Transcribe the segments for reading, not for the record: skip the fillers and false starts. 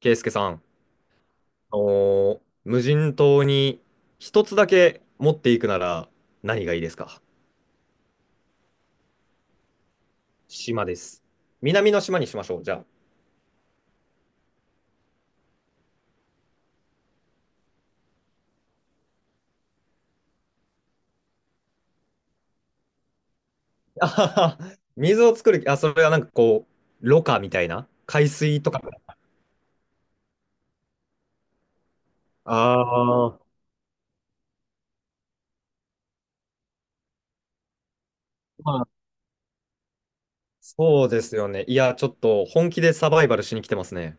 ケイスケさん、無人島に一つだけ持っていくなら何がいいですか？島です。南の島にしましょう、じゃあ。あはは水を作る、あ、それはなんかこう、ろ過みたいな海水とか。ああ、まあ、そうですよね。いや、ちょっと本気でサバイバルしに来てますね。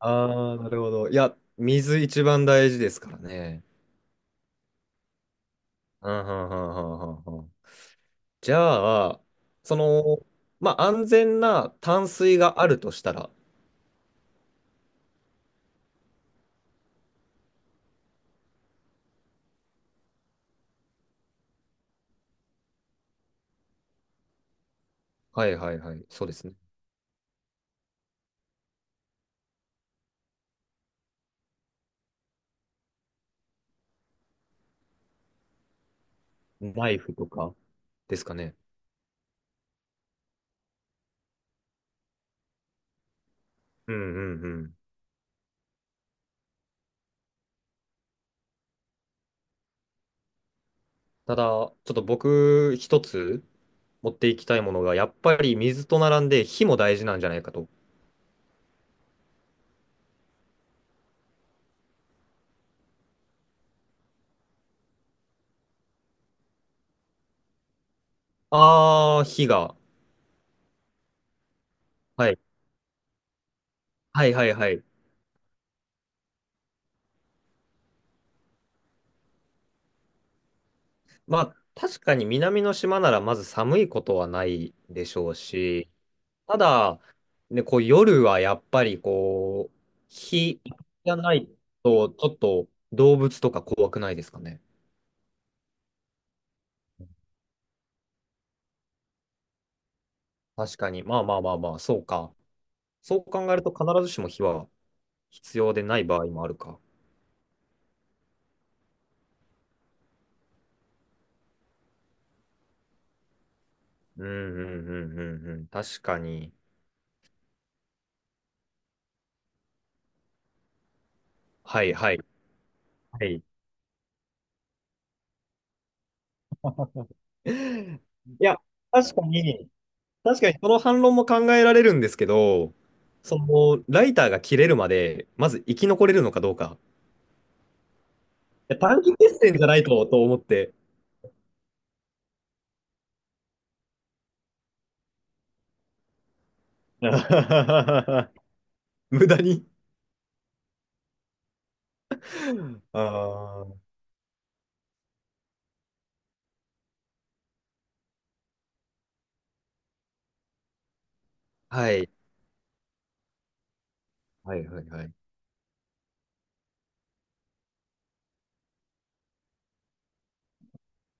ああ、なるほど。いや、水一番大事ですからね。うん、うん、うん、うん、うん。うん。じゃあ、その、まあ、安全な淡水があるとしたら、はいはいはい、そうですね。ナイフとかですかね。うんうんうん。ただ、ちょっと僕、一つ持っていきたいものが、やっぱり水と並んで火も大事なんじゃないかと。ああ、火が。はい。はいはいはい。まあ、確かに南の島ならまず寒いことはないでしょうし、ただ、ね、こう夜はやっぱりこう、日がないと、ちょっと動物とか怖くないですかね。確かに。まあまあまあまあ、そうか。そう考えると必ずしも火は必要でない場合もあるか。うんうんうんうんうん。確かに。はいはいはい。いや、確かに、確かに、その反論も考えられるんですけど、その、ライターが切れるまで、まず生き残れるのかどうか。いや短期決戦じゃないと、と思って。無駄に。あー、はい。はいはいはい。あ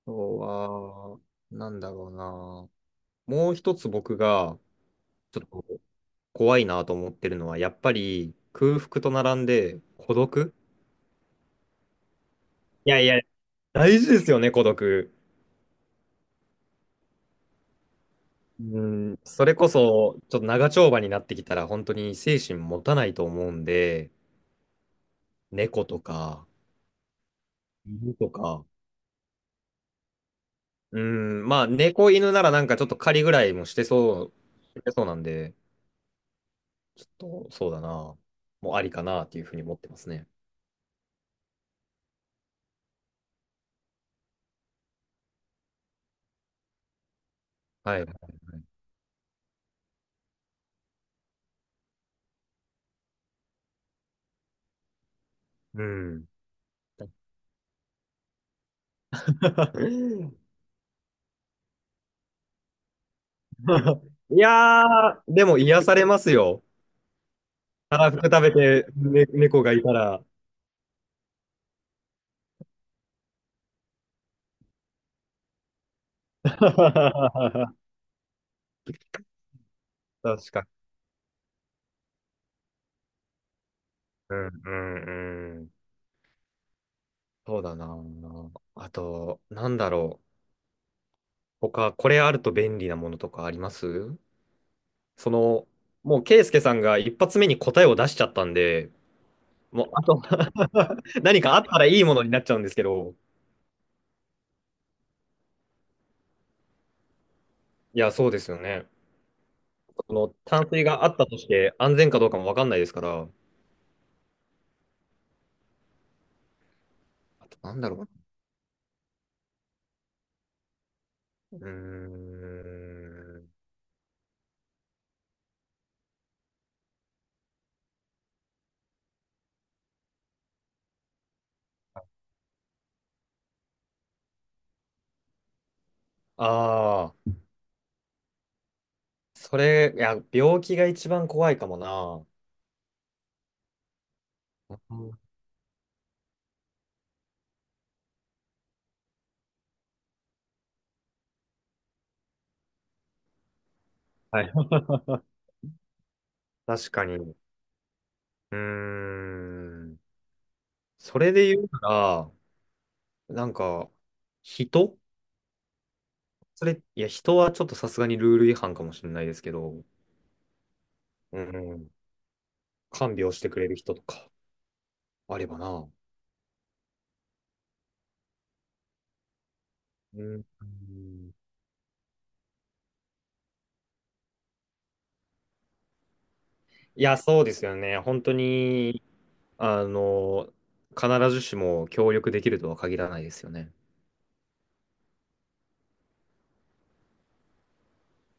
とは、なんだろうな。もう一つ僕がちょっと怖いなと思ってるのは、やっぱり空腹と並んで孤独。いやいや、大事ですよね、孤独。うん、それこそ、ちょっと長丁場になってきたら、本当に精神持たないと思うんで、猫とか、犬とか、うん、まあ、猫犬ならなんかちょっと狩りぐらいもしてそうなんで、ちょっと、そうだな。もうありかなっていうふうに思ってますね。はい。うん。いやー、でも癒されますよ。たらふく食べて、ね、猫がいたら。確かに。うんうんうん。そうだな。あと、なんだろう。他、これあると便利なものとかあります？その、もう、ケイスケさんが一発目に答えを出しちゃったんで、もう、あと 何かあったらいいものになっちゃうんですけど。いや、そうですよね。その淡水があったとして安全かどうかもわかんないですから。あと、なんだろうな。うーん。ああ、それ、いや、病気が一番怖いかもな。うん。はい。確かに。うーん。それで言うなら、なんか、人、それ、いや、人はちょっとさすがにルール違反かもしれないですけど、うん。看病してくれる人とか、あればな。うん。いや、そうですよね。本当に、あの、必ずしも協力できるとは限らないですよね。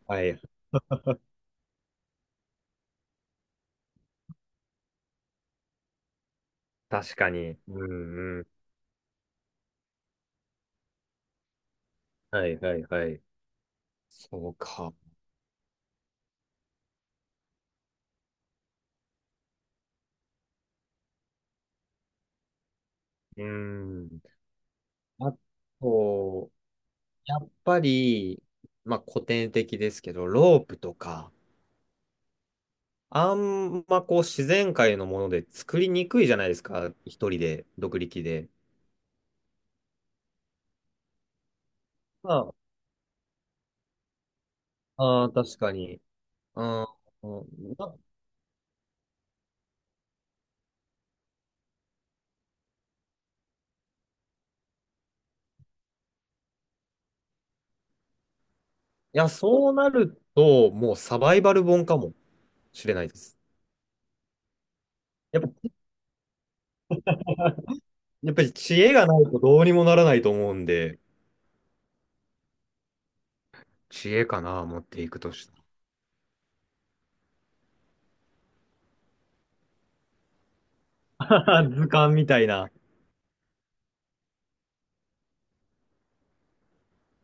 はい。確かに。うんうん。はいはいはい。そうか。うん。あと、やっぱり、まあ古典的ですけど、ロープとか、あんまこう自然界のもので作りにくいじゃないですか。一人で、独力で。まあ、あー確かに。うん。うんな。いや、そうなると、もうサバイバル本かもしれないです。やっぱ、やっぱり知恵がないとどうにもならないと思うんで、知恵かな、持っていくとした。図鑑みたいな。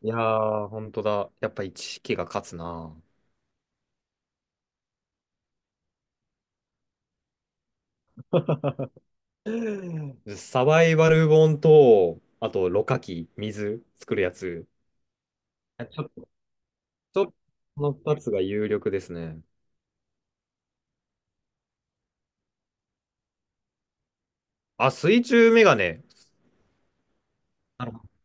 いやー、本当だ。やっぱり知識が勝つな。サバイバル本と、あと、ろ過器、水作るやつ。ちょっと、この2つが有力ですね。あ、水中メガネ。なるほど。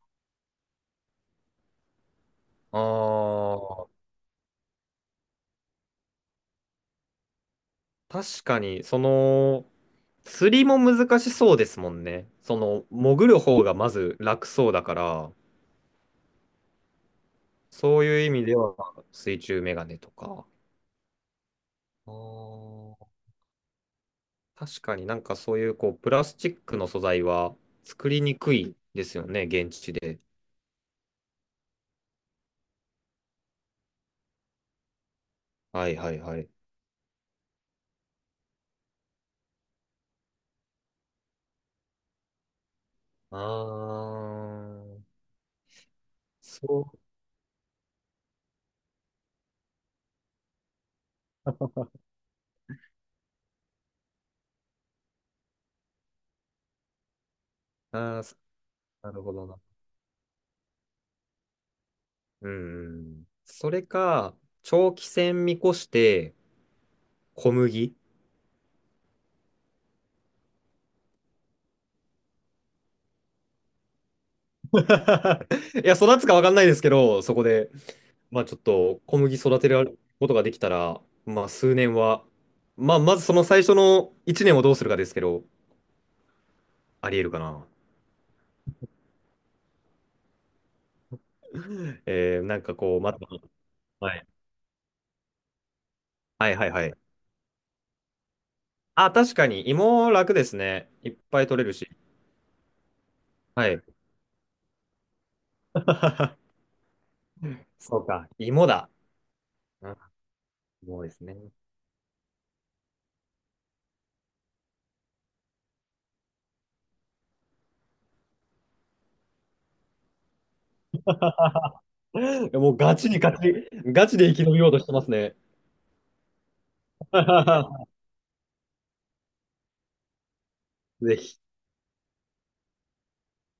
あー、確かに、その、釣りも難しそうですもんね。その、潜る方がまず楽そうだから、そういう意味では水中メガネとか。あー、確かになんかそういうこう、プラスチックの素材は作りにくいですよね、現地で。はいはいはい。あー、そう、あー、なるほどな。うん。それか、長期戦見越して、小麦。いや、育つか分かんないですけど、そこで。まあちょっと小麦育てることができたら、まあ数年は、まあまずその最初の1年をどうするかですけど、ありえるかな。なんかこう、また、はい、はいはいはい。あ、確かに芋楽ですね。いっぱい取れるし。はい。そうか、芋だ。うん、芋ですね。もうガチにガチ、ガチで生き延びようとしてますね。ぜひ。